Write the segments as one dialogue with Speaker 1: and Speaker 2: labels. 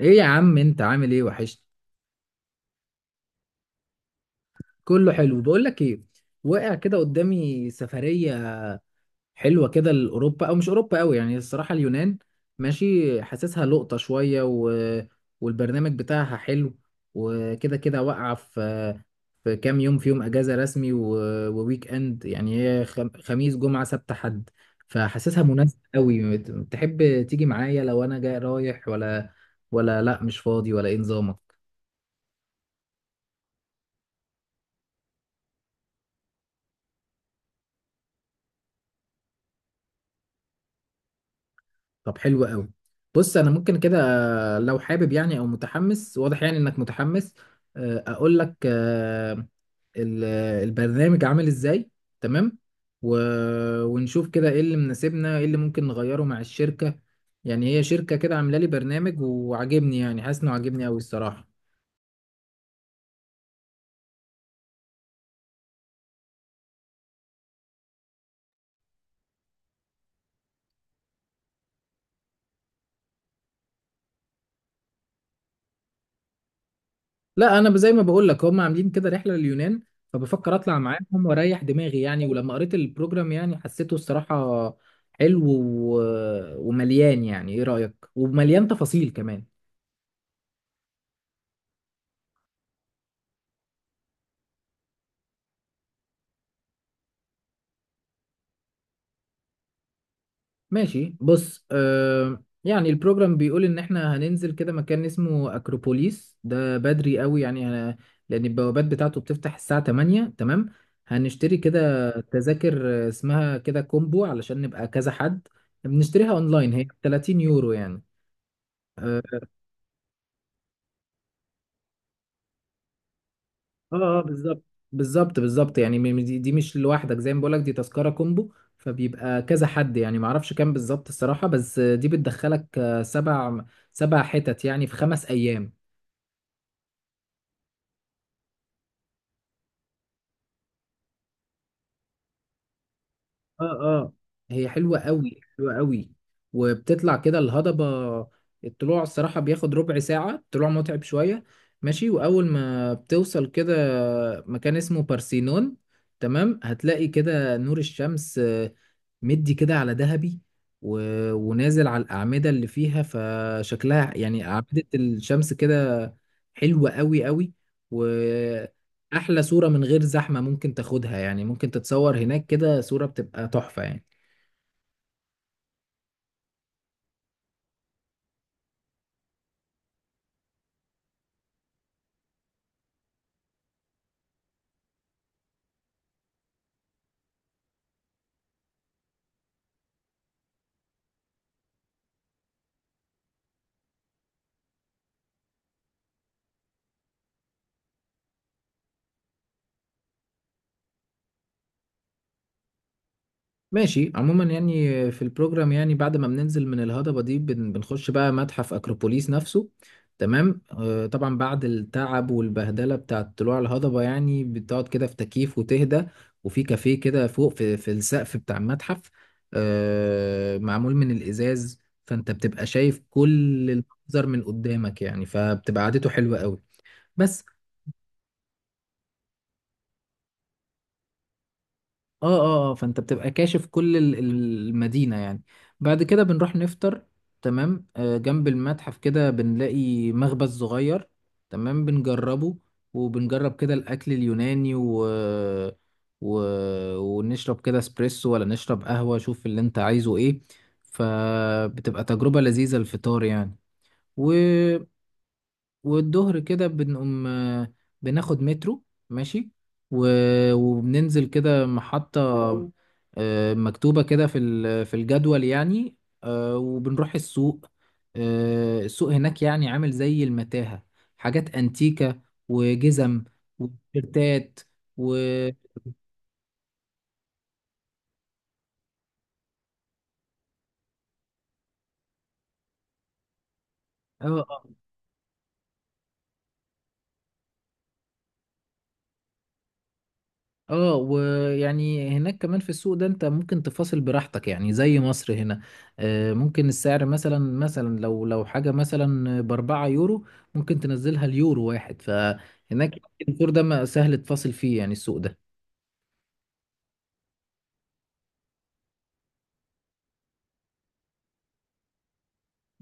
Speaker 1: ايه يا عم، انت عامل ايه؟ وحشت. كله حلو. بقول لك ايه، وقع كده قدامي سفرية حلوة كده لأوروبا، او مش أوروبا قوي يعني، الصراحة اليونان. ماشي، حاسسها لقطة شوية والبرنامج بتاعها حلو. وكده كده واقعة في كام يوم، في يوم اجازة رسمي وويك اند يعني، هي خميس جمعة سبت حد، فحاسسها مناسبة قوي. تحب تيجي معايا لو انا جاي، رايح ولا لا مش فاضي، ولا ايه نظامك؟ طب حلو قوي. بص، انا ممكن كده، لو حابب يعني او متحمس، واضح يعني انك متحمس. اقول لك، ال- البرنامج عامل ازاي. تمام، ونشوف كده ايه اللي مناسبنا، ايه اللي ممكن نغيره مع الشركة. يعني هي شركة كده عاملة لي برنامج وعاجبني، يعني حاسس انه عاجبني قوي الصراحة. لا، انا زي ما بقول لك هم عاملين كده رحله لليونان، فبفكر اطلع معاهم واريح دماغي يعني. ولما قريت البروجرام يعني حسيته الصراحه حلو ومليان، يعني ايه رايك، ومليان تفاصيل كمان. ماشي، بص، يعني البروجرام بيقول ان احنا هننزل كده مكان اسمه اكروبوليس، ده بدري قوي يعني. لان البوابات بتاعته بتفتح الساعه 8 تمام. هنشتري كده تذاكر اسمها كده كومبو علشان نبقى كذا حد، بنشتريها اونلاين، هي 30 يورو يعني. اه اه. بالظبط بالظبط بالظبط يعني، دي مش لوحدك، زي ما بقولك دي تذكرة كومبو، فبيبقى كذا حد يعني، معرفش كام بالظبط الصراحة، بس دي بتدخلك، سبع حتت يعني، في 5 أيام. اه اه، هي حلوة قوي حلوة قوي. وبتطلع كده الهضبة، الطلوع الصراحة بياخد ربع ساعة، الطلوع متعب شوية. ماشي، وأول ما بتوصل كده مكان اسمه بارسينون، تمام، هتلاقي كده نور الشمس مدي كده على ذهبي و... ونازل على الأعمدة اللي فيها، فشكلها يعني أعمدة الشمس كده، حلوة قوي قوي. احلى صورة من غير زحمة ممكن تاخدها يعني، ممكن تتصور هناك كده صورة بتبقى تحفة يعني. ماشي، عموما يعني في البروجرام يعني، بعد ما بننزل من الهضبة دي بنخش بقى متحف أكروبوليس نفسه. تمام، طبعا بعد التعب والبهدلة بتاعة طلوع الهضبة يعني بتقعد كده في تكييف وتهدى. وفي كافيه كده فوق في السقف بتاع المتحف، معمول من الإزاز، فأنت بتبقى شايف كل المنظر من قدامك يعني، فبتبقى قعدته حلوة قوي. بس. اه اه اه، فانت بتبقى كاشف كل المدينة يعني. بعد كده بنروح نفطر. تمام، آه جنب المتحف كده بنلاقي مخبز صغير، تمام بنجربه. وبنجرب كده الأكل اليوناني و... ونشرب كده اسبريسو ولا نشرب قهوة، شوف اللي انت عايزه ايه. فبتبقى تجربة لذيذة الفطار يعني. والظهر كده بنقوم، بناخد مترو، ماشي، و... وبننزل كده محطة مكتوبة كده في في الجدول يعني. وبنروح السوق. السوق هناك يعني عامل زي المتاهة، حاجات أنتيكة، وجزم، وتيشيرتات، و... اه اه. ويعني هناك كمان في السوق ده انت ممكن تفاصل براحتك يعني، زي مصر هنا. ممكن السعر مثلا، لو حاجة مثلا ب4 يورو، ممكن تنزلها اليورو واحد. فهناك الدور ده سهل تفاصل فيه يعني، السوق ده.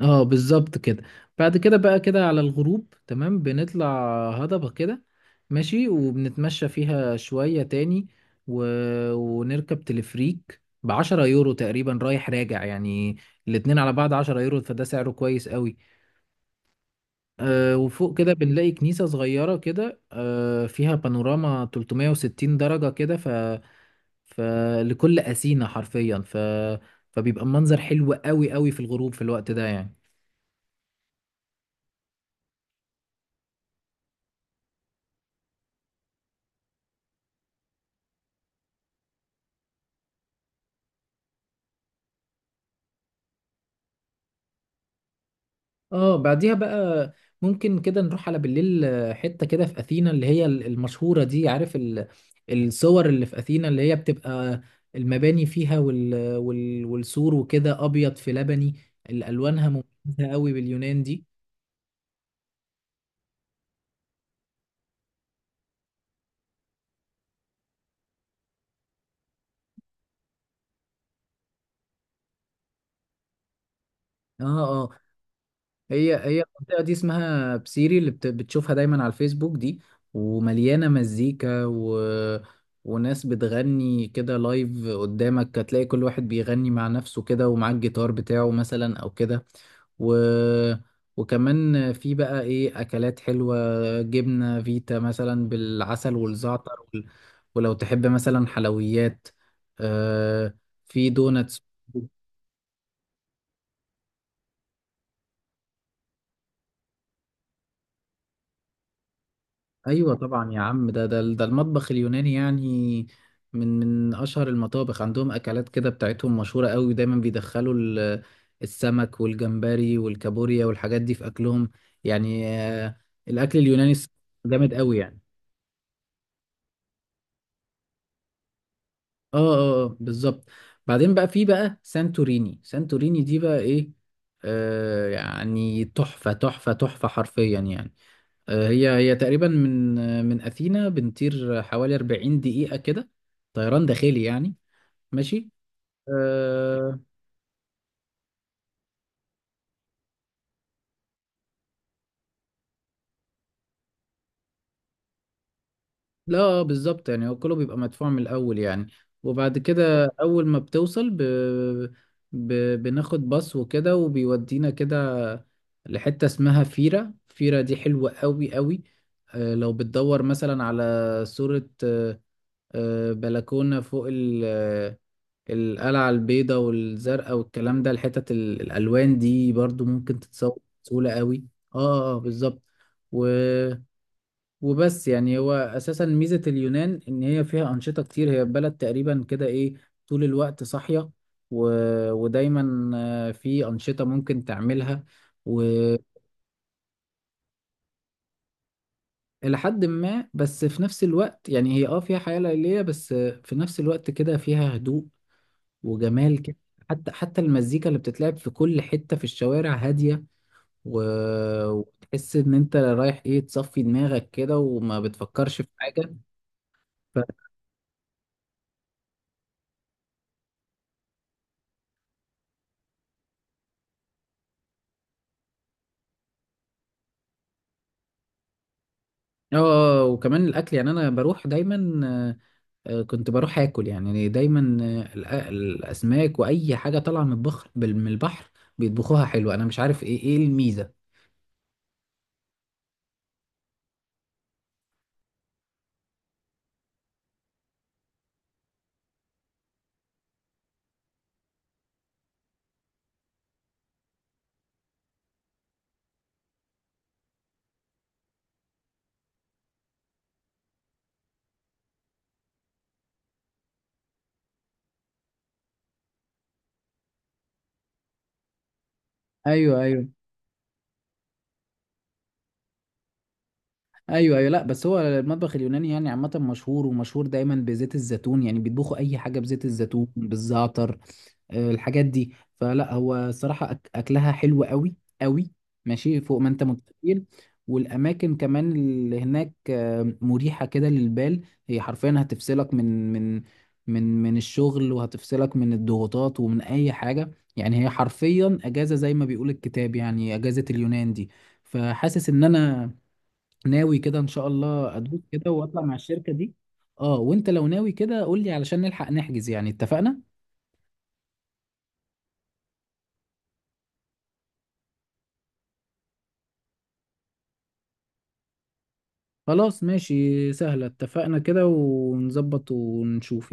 Speaker 1: اه بالظبط كده. بعد كده بقى كده على الغروب، تمام، بنطلع هضبة كده، ماشي، وبنتمشى فيها شوية تاني و... ونركب تلفريك ب10 يورو تقريبا، رايح راجع يعني، الاتنين على بعض 10 يورو، فده سعره كويس قوي. آه، وفوق كده بنلاقي كنيسة صغيرة كده، آه فيها بانوراما 360 درجة كده، فلكل أسينا حرفيا، فبيبقى المنظر حلو قوي قوي في الغروب في الوقت ده يعني. اه. بعديها بقى ممكن كده نروح على بالليل حتة كده في أثينا، اللي هي المشهورة دي، عارف الصور اللي في أثينا، اللي هي بتبقى المباني فيها، والسور وكده أبيض في لبني، الألوانها مميزة قوي باليونان دي. اه، هي هي المنطقة دي اسمها بسيري، اللي بتشوفها دايما على الفيسبوك دي. ومليانة مزيكا وناس بتغني كده لايف، قدامك هتلاقي كل واحد بيغني مع نفسه كده، ومعاه الجيتار بتاعه مثلا أو كده و... وكمان في بقى إيه أكلات حلوة، جبنة فيتا مثلا بالعسل والزعتر ولو تحب مثلا حلويات، آه، في دوناتس. ايوه طبعا يا عم، ده المطبخ اليوناني يعني، من اشهر المطابخ، عندهم اكلات كده بتاعتهم مشهوره قوي، دايما بيدخلوا السمك والجمبري والكابوريا والحاجات دي في اكلهم يعني، الاكل اليوناني جامد قوي يعني. اه اه بالظبط. بعدين بقى في بقى سانتوريني، سانتوريني دي بقى ايه، آه يعني تحفه تحفه تحفه حرفيا يعني. هي هي تقريبا من، من أثينا بنطير حوالي 40 دقيقة كده، طيران داخلي يعني. ماشي. أه. لا، بالظبط يعني، هو كله بيبقى مدفوع من الأول يعني. وبعد كده أول ما بتوصل ب... بناخد باص وكده، وبيودينا كده لحتة اسمها فيرا، فيرا دي حلوة قوي قوي. أه، لو بتدور مثلا على صورة، أه، بلكونة فوق القلعة البيضاء والزرقاء والكلام ده، الحتت الألوان دي برضو ممكن تتصور بسهولة قوي. اه اه بالظبط و... وبس يعني، هو أساسا ميزة اليونان إن هي فيها أنشطة كتير، هي بلد تقريبا كده إيه، طول الوقت صاحية و... ودايما في أنشطة ممكن تعملها، وإلى حد ما. بس في نفس الوقت يعني هي اه فيها حياة ليلية، بس في نفس الوقت كده فيها هدوء وجمال كده. حتى المزيكا اللي بتتلعب في كل حتة في الشوارع هادية و... وتحس ان انت رايح ايه، تصفي دماغك كده، وما بتفكرش في حاجة. ف... اه، وكمان الاكل، يعني انا بروح دايما، كنت بروح اكل يعني دايما، الاسماك واي حاجة طالعة من البحر، من البحر بيطبخوها حلو، انا مش عارف ايه، الميزة. ايوه ايوه ايوه ايوه. لا، بس هو المطبخ اليوناني يعني عامة مشهور، ومشهور دايما بزيت الزيتون، يعني بيطبخوا اي حاجة بزيت الزيتون بالزعتر، الحاجات دي. فلا، هو الصراحة أكلها حلو قوي قوي، ماشي فوق ما أنت متخيل. والأماكن كمان اللي هناك مريحة كده للبال، هي حرفيا هتفصلك من الشغل، وهتفصلك من الضغوطات ومن أي حاجة يعني. هي حرفيا أجازة زي ما بيقول الكتاب، يعني أجازة اليونان دي. فحاسس إن أنا ناوي كده إن شاء الله أدوس كده، وأطلع مع الشركة دي. أه، وأنت لو ناوي كده قول لي علشان نلحق نحجز يعني، اتفقنا؟ خلاص، ماشي، سهلة، اتفقنا كده، ونظبط ونشوف يعني.